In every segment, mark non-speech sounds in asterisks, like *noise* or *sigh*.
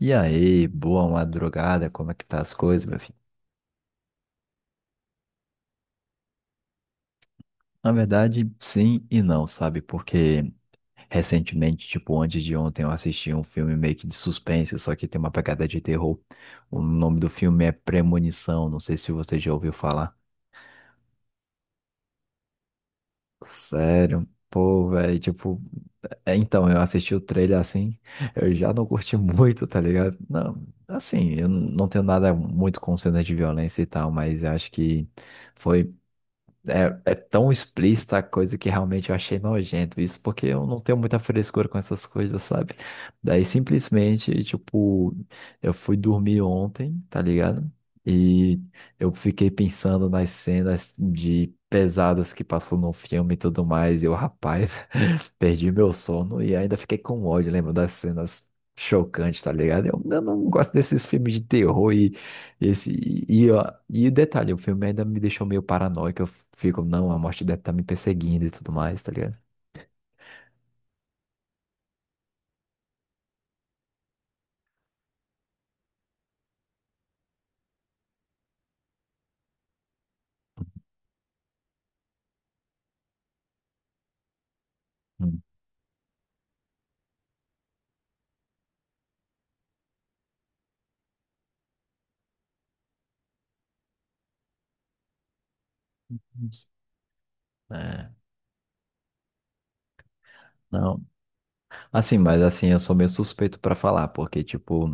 E aí, boa madrugada, como é que tá as coisas, meu filho? Na verdade, sim e não, sabe? Porque recentemente, tipo, antes de ontem, eu assisti um filme meio que de suspense, só que tem uma pegada de terror. O nome do filme é Premonição, não sei se você já ouviu falar. Sério? Pô, velho, tipo, é, então, eu assisti o trailer assim, eu já não curti *laughs* muito, tá ligado? Não, assim, eu não tenho nada muito com cenas de violência e tal, mas eu acho que foi. É, é tão explícita a coisa que realmente eu achei nojento isso, porque eu não tenho muita frescura com essas coisas, sabe? Daí simplesmente, tipo, eu fui dormir ontem, tá ligado? E eu fiquei pensando nas cenas de pesadas que passou no filme e tudo mais, e eu, rapaz, *laughs* perdi meu sono e ainda fiquei com ódio, lembro das cenas chocantes, tá ligado? Eu não gosto desses filmes de terror e esse, e, ó, e detalhe, o filme ainda me deixou meio paranoico. Eu fico, não, a morte deve estar me perseguindo e tudo mais, tá ligado? Hum. É, não. Assim, mas assim, eu sou meio suspeito pra falar, porque, tipo,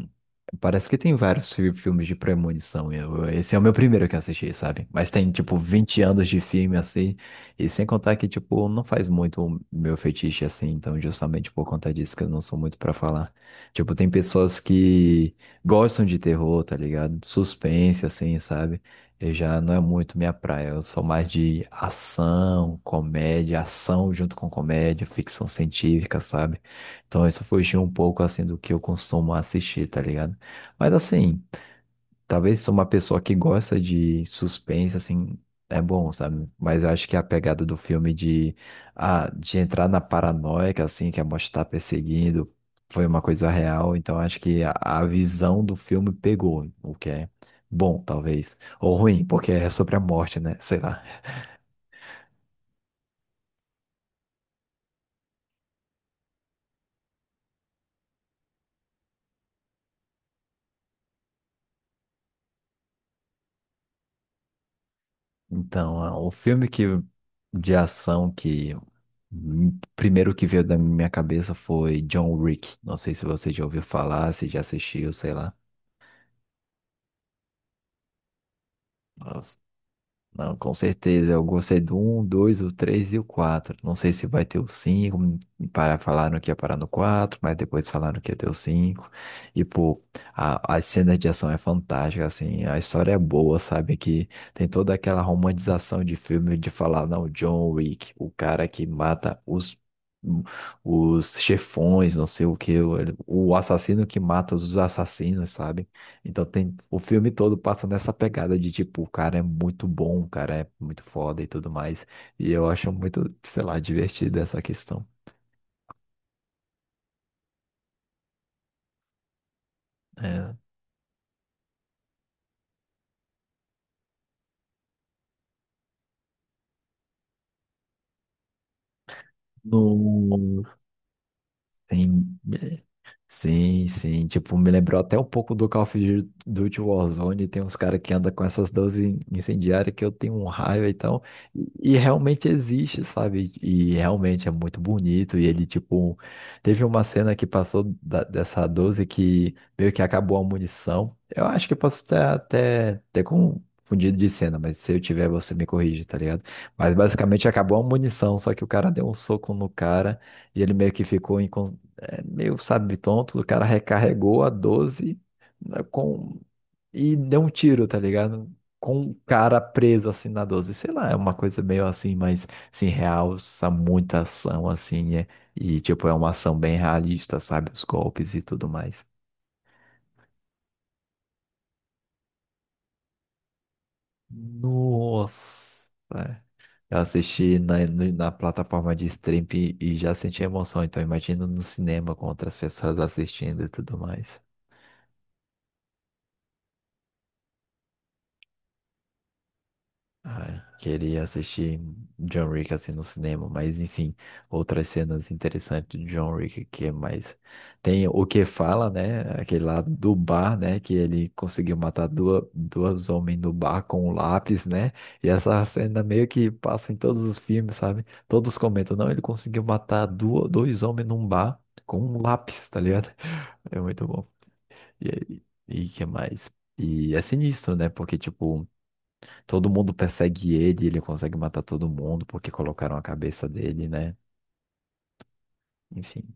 parece que tem vários filmes de premonição. E Eu, esse é o meu primeiro que assisti, sabe? Mas tem, tipo, 20 anos de filme, assim, e sem contar que, tipo, não faz muito o meu fetiche, assim, então, justamente por conta disso que eu não sou muito pra falar. Tipo, tem pessoas que gostam de terror, tá ligado? Suspense, assim, sabe? Eu já não é muito minha praia, eu sou mais de ação, comédia, ação junto com comédia, ficção científica, sabe? Então isso fugiu um pouco assim do que eu costumo assistir, tá ligado? Mas assim, talvez sou uma pessoa que gosta de suspense, assim, é bom, sabe? Mas eu acho que a pegada do filme de, ah, de entrar na paranoia, que, assim, que a morte tá perseguindo, foi uma coisa real, então acho que a visão do filme pegou, o que é bom, talvez. Ou ruim, porque é sobre a morte, né? Sei lá. Então, ah, o filme que, de ação que primeiro que veio da minha cabeça foi John Wick. Não sei se você já ouviu falar, se já assistiu, sei lá. Não, com certeza. Eu gostei do um, 2, o 3 e o 4. Não sei se vai ter o 5 hum. Para, falaram que ia parar no 4, mas depois falaram que ia ter o 5. E, pô, a cena de ação é fantástica, assim. A história é boa, sabe? Que tem toda aquela romantização de filme de falar, não, John Wick, o cara que mata os. Os chefões, não sei o que, o assassino que mata os assassinos, sabe? Então tem o filme todo passa nessa pegada de tipo, o cara é muito bom, o cara é muito foda e tudo mais. E eu acho muito, sei lá, divertida essa questão. É, no, tem- Sim, sim. Tipo, me lembrou até um pouco do Call of Duty Warzone. Tem uns caras que andam com essas 12 incendiárias que eu tenho um raio e tal. E realmente existe, sabe? E realmente é muito bonito. E ele, tipo, teve uma cena que passou dessa 12 que meio que acabou a munição. Eu acho que eu posso ter até ter confundido de cena, mas se eu tiver, você me corrige, tá ligado? Mas basicamente acabou a munição, só que o cara deu um soco no cara e ele meio que ficou é meio, sabe, tonto. O cara recarregou a doze, né, com... e deu um tiro, tá ligado? Com o cara preso assim na doze. Sei lá, é uma coisa meio assim, mas assim, realça muita ação, assim, é... e tipo, é uma ação bem realista, sabe? Os golpes e tudo mais. Nossa! Eu assisti na, na plataforma de stream e já senti emoção, então imagina no cinema com outras pessoas assistindo e tudo mais. Ai, queria assistir John Wick assim no cinema, mas enfim, outras cenas interessantes de John Wick que é mais tem o que fala, né? Aquele lá do bar, né? Que ele conseguiu matar duas homens no bar com um lápis, né? E essa cena meio que passa em todos os filmes, sabe? Todos comentam, não, ele conseguiu matar dois homens num bar com um lápis, tá ligado? *laughs* É muito bom. E, e que mais? E é sinistro, né? Porque, tipo, todo mundo persegue ele, ele consegue matar todo mundo porque colocaram a cabeça dele, né? Enfim.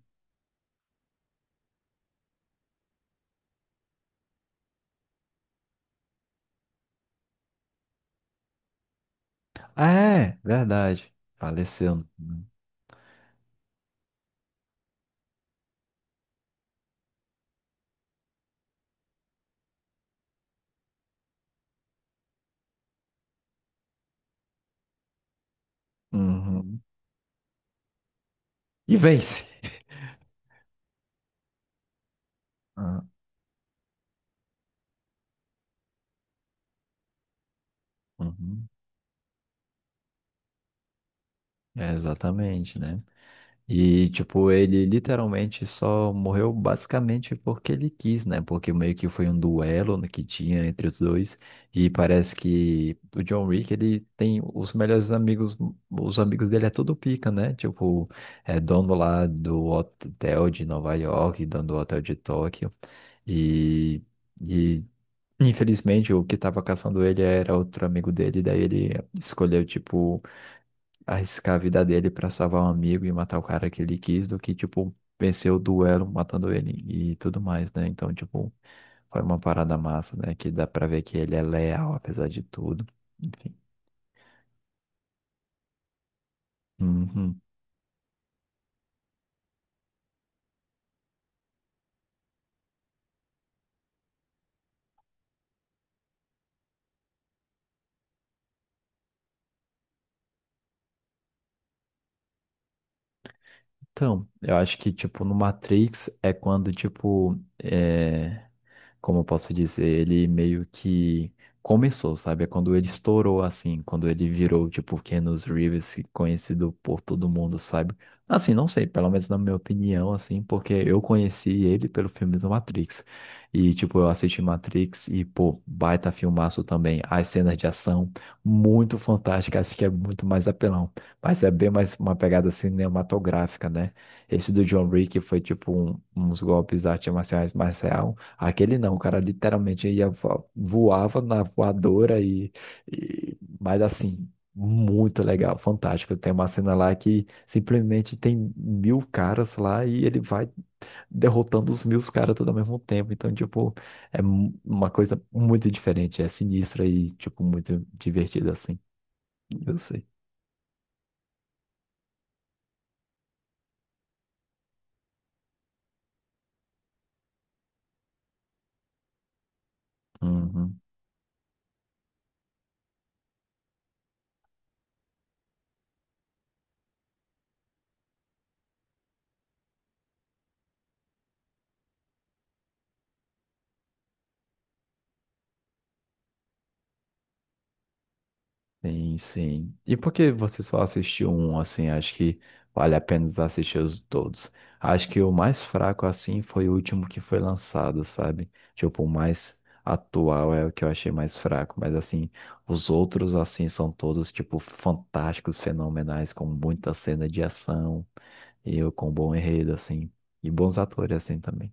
Ah, é, verdade. Faleceu. Uhum. E vence. *laughs* Ah, uhum. É, exatamente, né? E, tipo, ele literalmente só morreu basicamente porque ele quis, né? Porque meio que foi um duelo no que tinha entre os dois. E parece que o John Wick, ele tem os melhores amigos, os amigos dele é tudo pica, né? Tipo, é dono lá do hotel de Nova York, dono do hotel de Tóquio. E, e infelizmente, o que tava caçando ele era outro amigo dele, daí ele escolheu, tipo, arriscar a vida dele pra salvar um amigo e matar o cara que ele quis do que, tipo, vencer o duelo matando ele e tudo mais, né? Então, tipo, foi uma parada massa, né? Que dá pra ver que ele é leal, apesar de tudo. Enfim. Uhum. Então, eu acho que, tipo, no Matrix é quando, tipo, é... como eu posso dizer, ele meio que começou, sabe? É quando ele estourou, assim, quando ele virou, tipo, Keanu Reeves, conhecido por todo mundo, sabe? Assim, não sei, pelo menos na minha opinião, assim, porque eu conheci ele pelo filme do Matrix. E, tipo, eu assisti Matrix e, pô, baita filmaço também. As cenas de ação, muito fantásticas, acho que é muito mais apelão. Mas é bem mais uma pegada cinematográfica, né? Esse do John Wick foi tipo uns golpes de artes marciais mais real. Aquele não, o cara literalmente ia voava na voadora e- mas assim, muito legal, fantástico. Tem uma cena lá que simplesmente tem mil caras lá e ele vai derrotando os mil caras tudo ao mesmo tempo. Então, tipo, é uma coisa muito diferente, é sinistra e tipo muito divertida assim. Eu sei. Uhum. Sim, sim. E por que você só assistiu um, assim? Acho que vale a pena assistir os todos. Acho que o mais fraco, assim, foi o último que foi lançado, sabe? Tipo, o mais atual é o que eu achei mais fraco. Mas, assim, os outros, assim, são todos, tipo, fantásticos, fenomenais, com muita cena de ação e com bom enredo, assim. E bons atores, assim, também.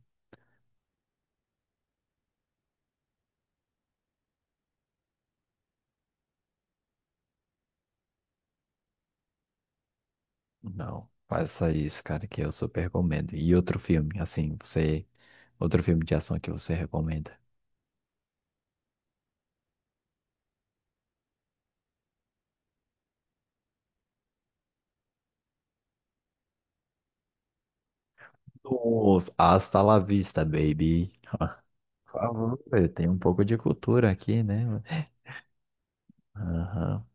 Não, faça isso, cara, que eu super recomendo. E outro filme, assim, você... Outro filme de ação que você recomenda? Nossa, hasta la vista, baby. Por favor, eu tenho um pouco de cultura aqui, né? Aham.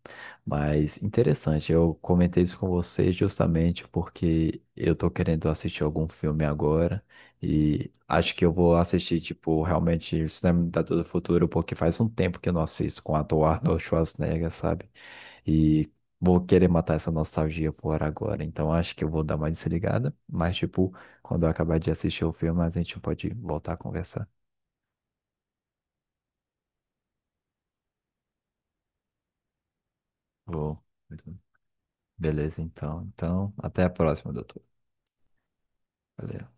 Mas interessante, eu comentei isso com você justamente porque eu tô querendo assistir algum filme agora e acho que eu vou assistir, tipo, realmente Cinema da do Futuro, porque faz um tempo que eu não assisto com o ator Arnold Schwarzenegger, sabe? E vou querer matar essa nostalgia por agora. Então acho que eu vou dar uma desligada. Mas, tipo, quando eu acabar de assistir o filme, a gente pode voltar a conversar. Vou. Beleza, então. Então, até a próxima, doutor. Valeu.